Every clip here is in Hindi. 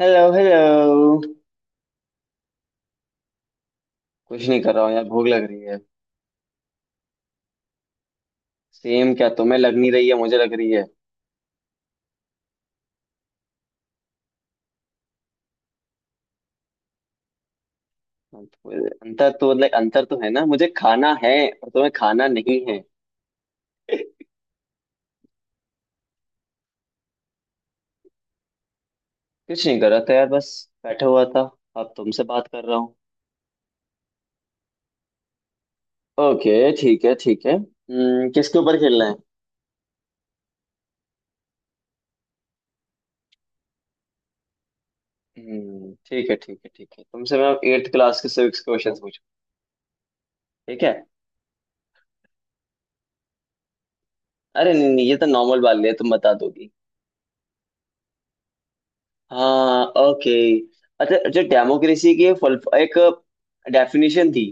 Hello hello. कुछ नहीं कर रहा हूँ यार, भूख लग रही है। सेम क्या? तुम्हें लग नहीं रही है? मुझे लग रही है। अंतर तो लाइक अंतर तो है ना, मुझे खाना है और तुम्हें खाना नहीं है। कुछ नहीं कर रहा था यार, बस बैठा हुआ था। अब तुमसे बात कर रहा हूँ। ओके ठीक है ठीक है। किसके ऊपर खेलना है? ठीक है ठीक है ठीक है, तुमसे मैं एट्थ क्लास के सिविक्स क्वेश्चंस पूछूं? ठीक है। अरे नहीं नहीं, ये तो नॉर्मल वाले है, तुम बता दोगी। हाँ ओके। अच्छा अच्छा, डेमोक्रेसी की एक एक डेफिनेशन थी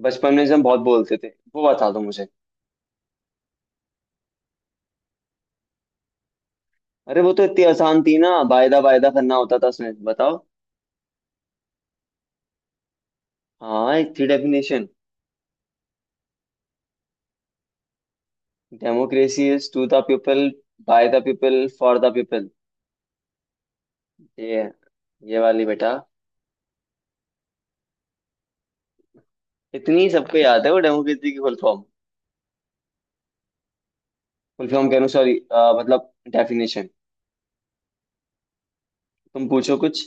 बचपन में, जो हम बहुत बोलते थे, वो बता दो मुझे। अरे वो तो इतनी आसान थी ना, वायदा वायदा करना होता था उसमें, बताओ। हाँ, एक थी definition. Democracy is to the people, by the people, for the people. ये है, ये वाली बेटा। इतनी सबको याद है वो डेमोक्रेसी की फुल फॉर्म। फुल फॉर्म कह रहा हूँ, सॉरी, मतलब डेफिनेशन। तुम पूछो कुछ।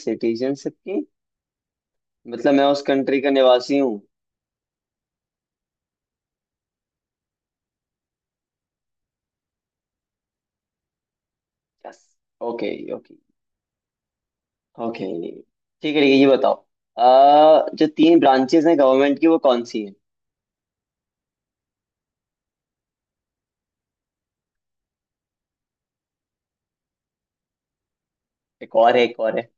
सिटीजनशिप की? मतलब मैं उस कंट्री का निवासी हूँ। यस। Okay okay. ओके ठीक है। ठीक है, ये बताओ। जो तीन ब्रांचेस हैं गवर्नमेंट की, वो कौन सी हैं? एक और है, एक और है।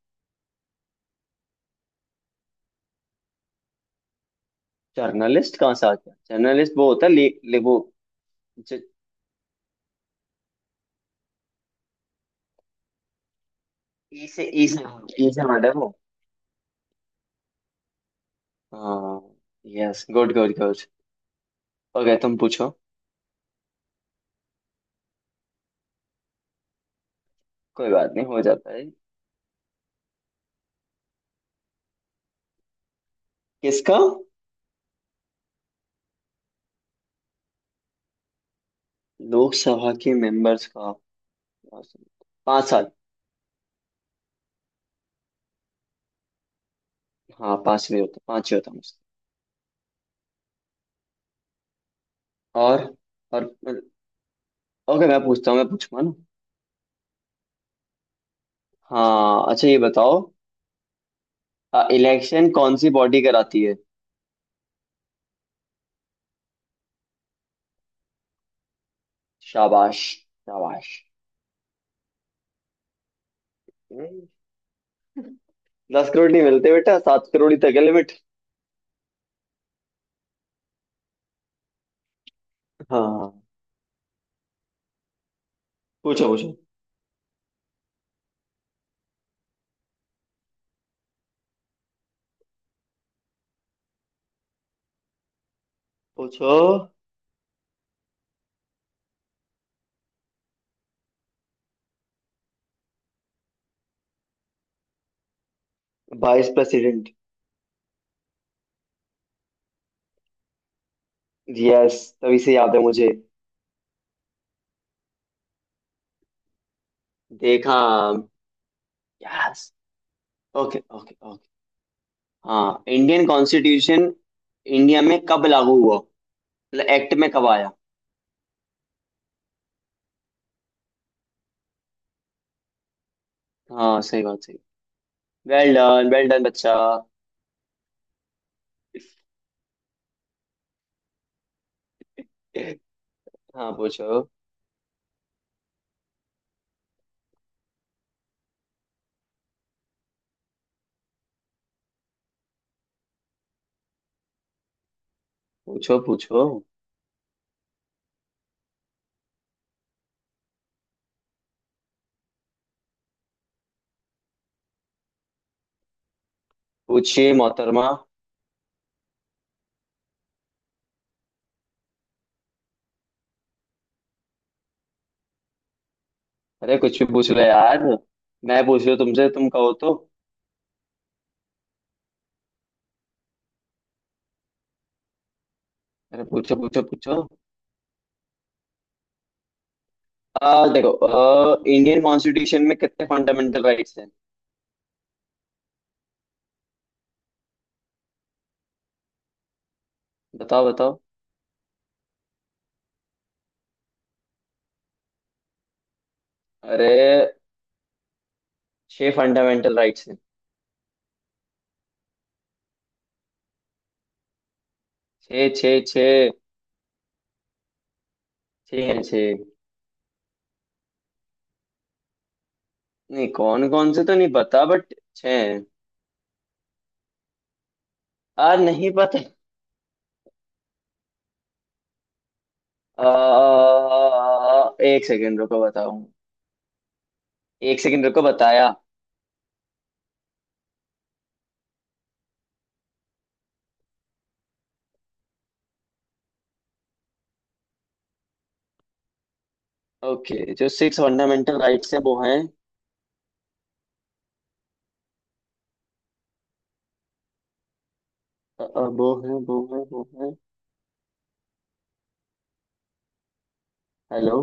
जर्नलिस्ट कहाँ से आ गया? जर्नलिस्ट वो होता है ले वो जो। ई से, ई से, ई से हमारा है वो। हाँ, yes, good good good. Okay तुम पूछो। कोई बात नहीं, हो जाता है। किसका? लोकसभा के मेंबर्स का? पांच साल। हाँ, पांचवे होता मुझसे। और। और। ओके मैं पूछता हूँ, मैं पूछूंगा ना? हाँ अच्छा, ये बताओ, इलेक्शन कौन सी बॉडी कराती है? शाबाश, शाबाश। हम्म, दस करोड़ नहीं मिलते बेटा, सात करोड़ ही तक है लिमिट। हाँ। पूछो पूछो पूछो। Vice president. यस, तभी से याद है मुझे। देखा। यस। Okay okay okay. हाँ, इंडियन कॉन्स्टिट्यूशन इंडिया में कब लागू हुआ? मतलब एक्ट में कब आया? हाँ सही बात, सही। वेल डन बच्चा। हाँ पूछो पूछो पूछो। पूछिए मोहतरमा। अरे कुछ भी पूछ लो यार, मैं पूछ रहा हूँ तुमसे, तुम कहो तो। अरे पूछो पूछो पूछो। आ देखो, इंडियन कॉन्स्टिट्यूशन में कितने फंडामेंटल राइट्स हैं? बताओ बताओ। अरे! छह फंडामेंटल राइट्स हैं। छह छह छह। छह हैं, छह। नहीं, कौन कौन से तो नहीं पता, बट छह हैं। आ, नहीं पता। एक सेकेंड रुको, बताऊं। एक सेकेंड रुको, बताया। ओके, जो सिक्स फंडामेंटल राइट्स हैं, वो हैं, वो हैं। हेलो?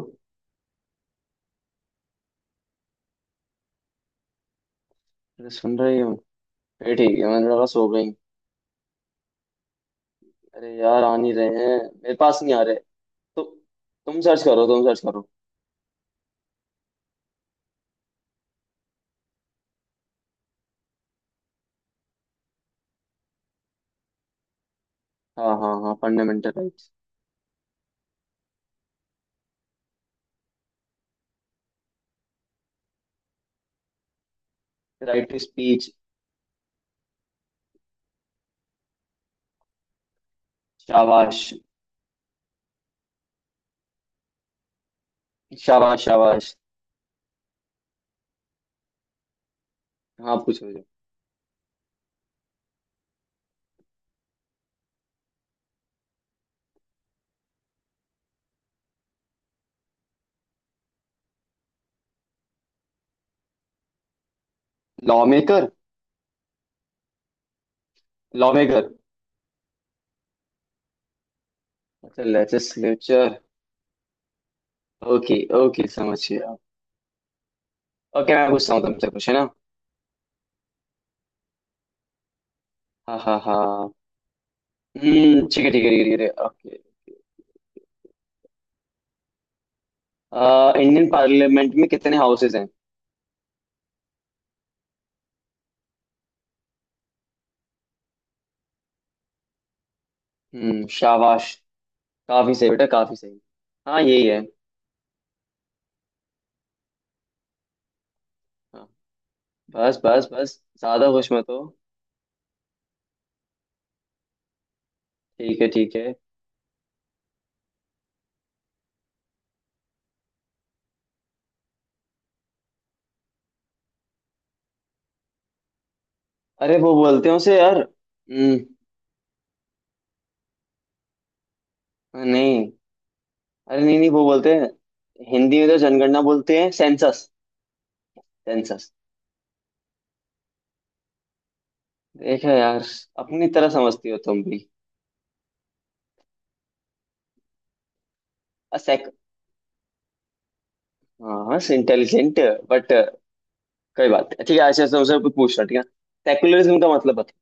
अरे सुन रही हूँ? ये ठीक है, मैंने लगा सो गई। अरे यार, आ नहीं रहे हैं, मेरे पास नहीं आ रहे, तो तुम सर्च करो। हाँ हाँ हाँ, fundamental rights. Right to speech. शाबाश, शाबाश, शाबाश। हाँ पूछो। Law maker. Law maker. अच्छा लेजिस्लेचर। ओके, ओके समझ गया। ओके, मैं पूछता हूँ तुमसे कुछ है ना? हाँ हाँ हाँ। हम्म, ठीक है ठीक है ठीक है ठीक है, ओके। इंडियन पार्लियामेंट में कितने हाउसेज हैं? हम्म, शाबाश। काफी सही बेटा, काफी सही। हाँ यही है। हाँ। बस बस बस, ज्यादा खुश मत हो। ठीक है ठीक है। अरे वो बोलते हैं उसे यार, हम्म। नहीं, अरे नहीं नहीं, वो बोलते हैं, हिंदी में तो जनगणना बोलते हैं, सेंसस। सेंसस। देखा यार, अपनी तरह समझती हो तुम भी। अ सेक। हाँ, इंटेलिजेंट, बट कोई बात नहीं। ठीक है। अच्छा तुमसे कुछ पूछना, ठीक है? सेकुलरिज्म का मतलब बताओ।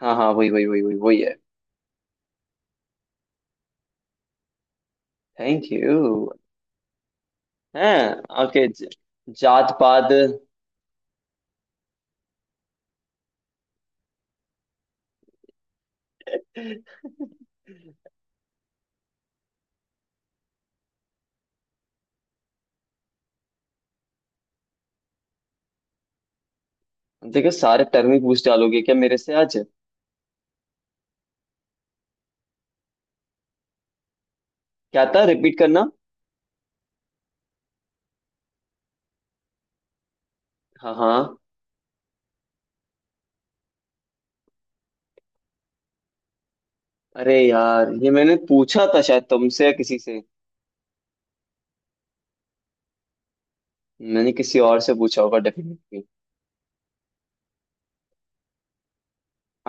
हाँ हाँ, वही वही वही वही वही है। Thank you. हाँ ओके। जात पात। देखो, सारे टर्म ही पूछ डालोगे क्या मेरे से आज? क्या था, रिपीट करना। हाँ हाँ। अरे यार, ये मैंने पूछा था शायद तुमसे या किसी से। मैंने किसी और से पूछा होगा डेफिनेटली।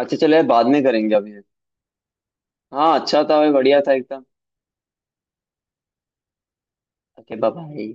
अच्छा चलो यार, बाद में करेंगे अभी। हाँ अच्छा था भाई, बढ़िया था एकदम। Okay bye.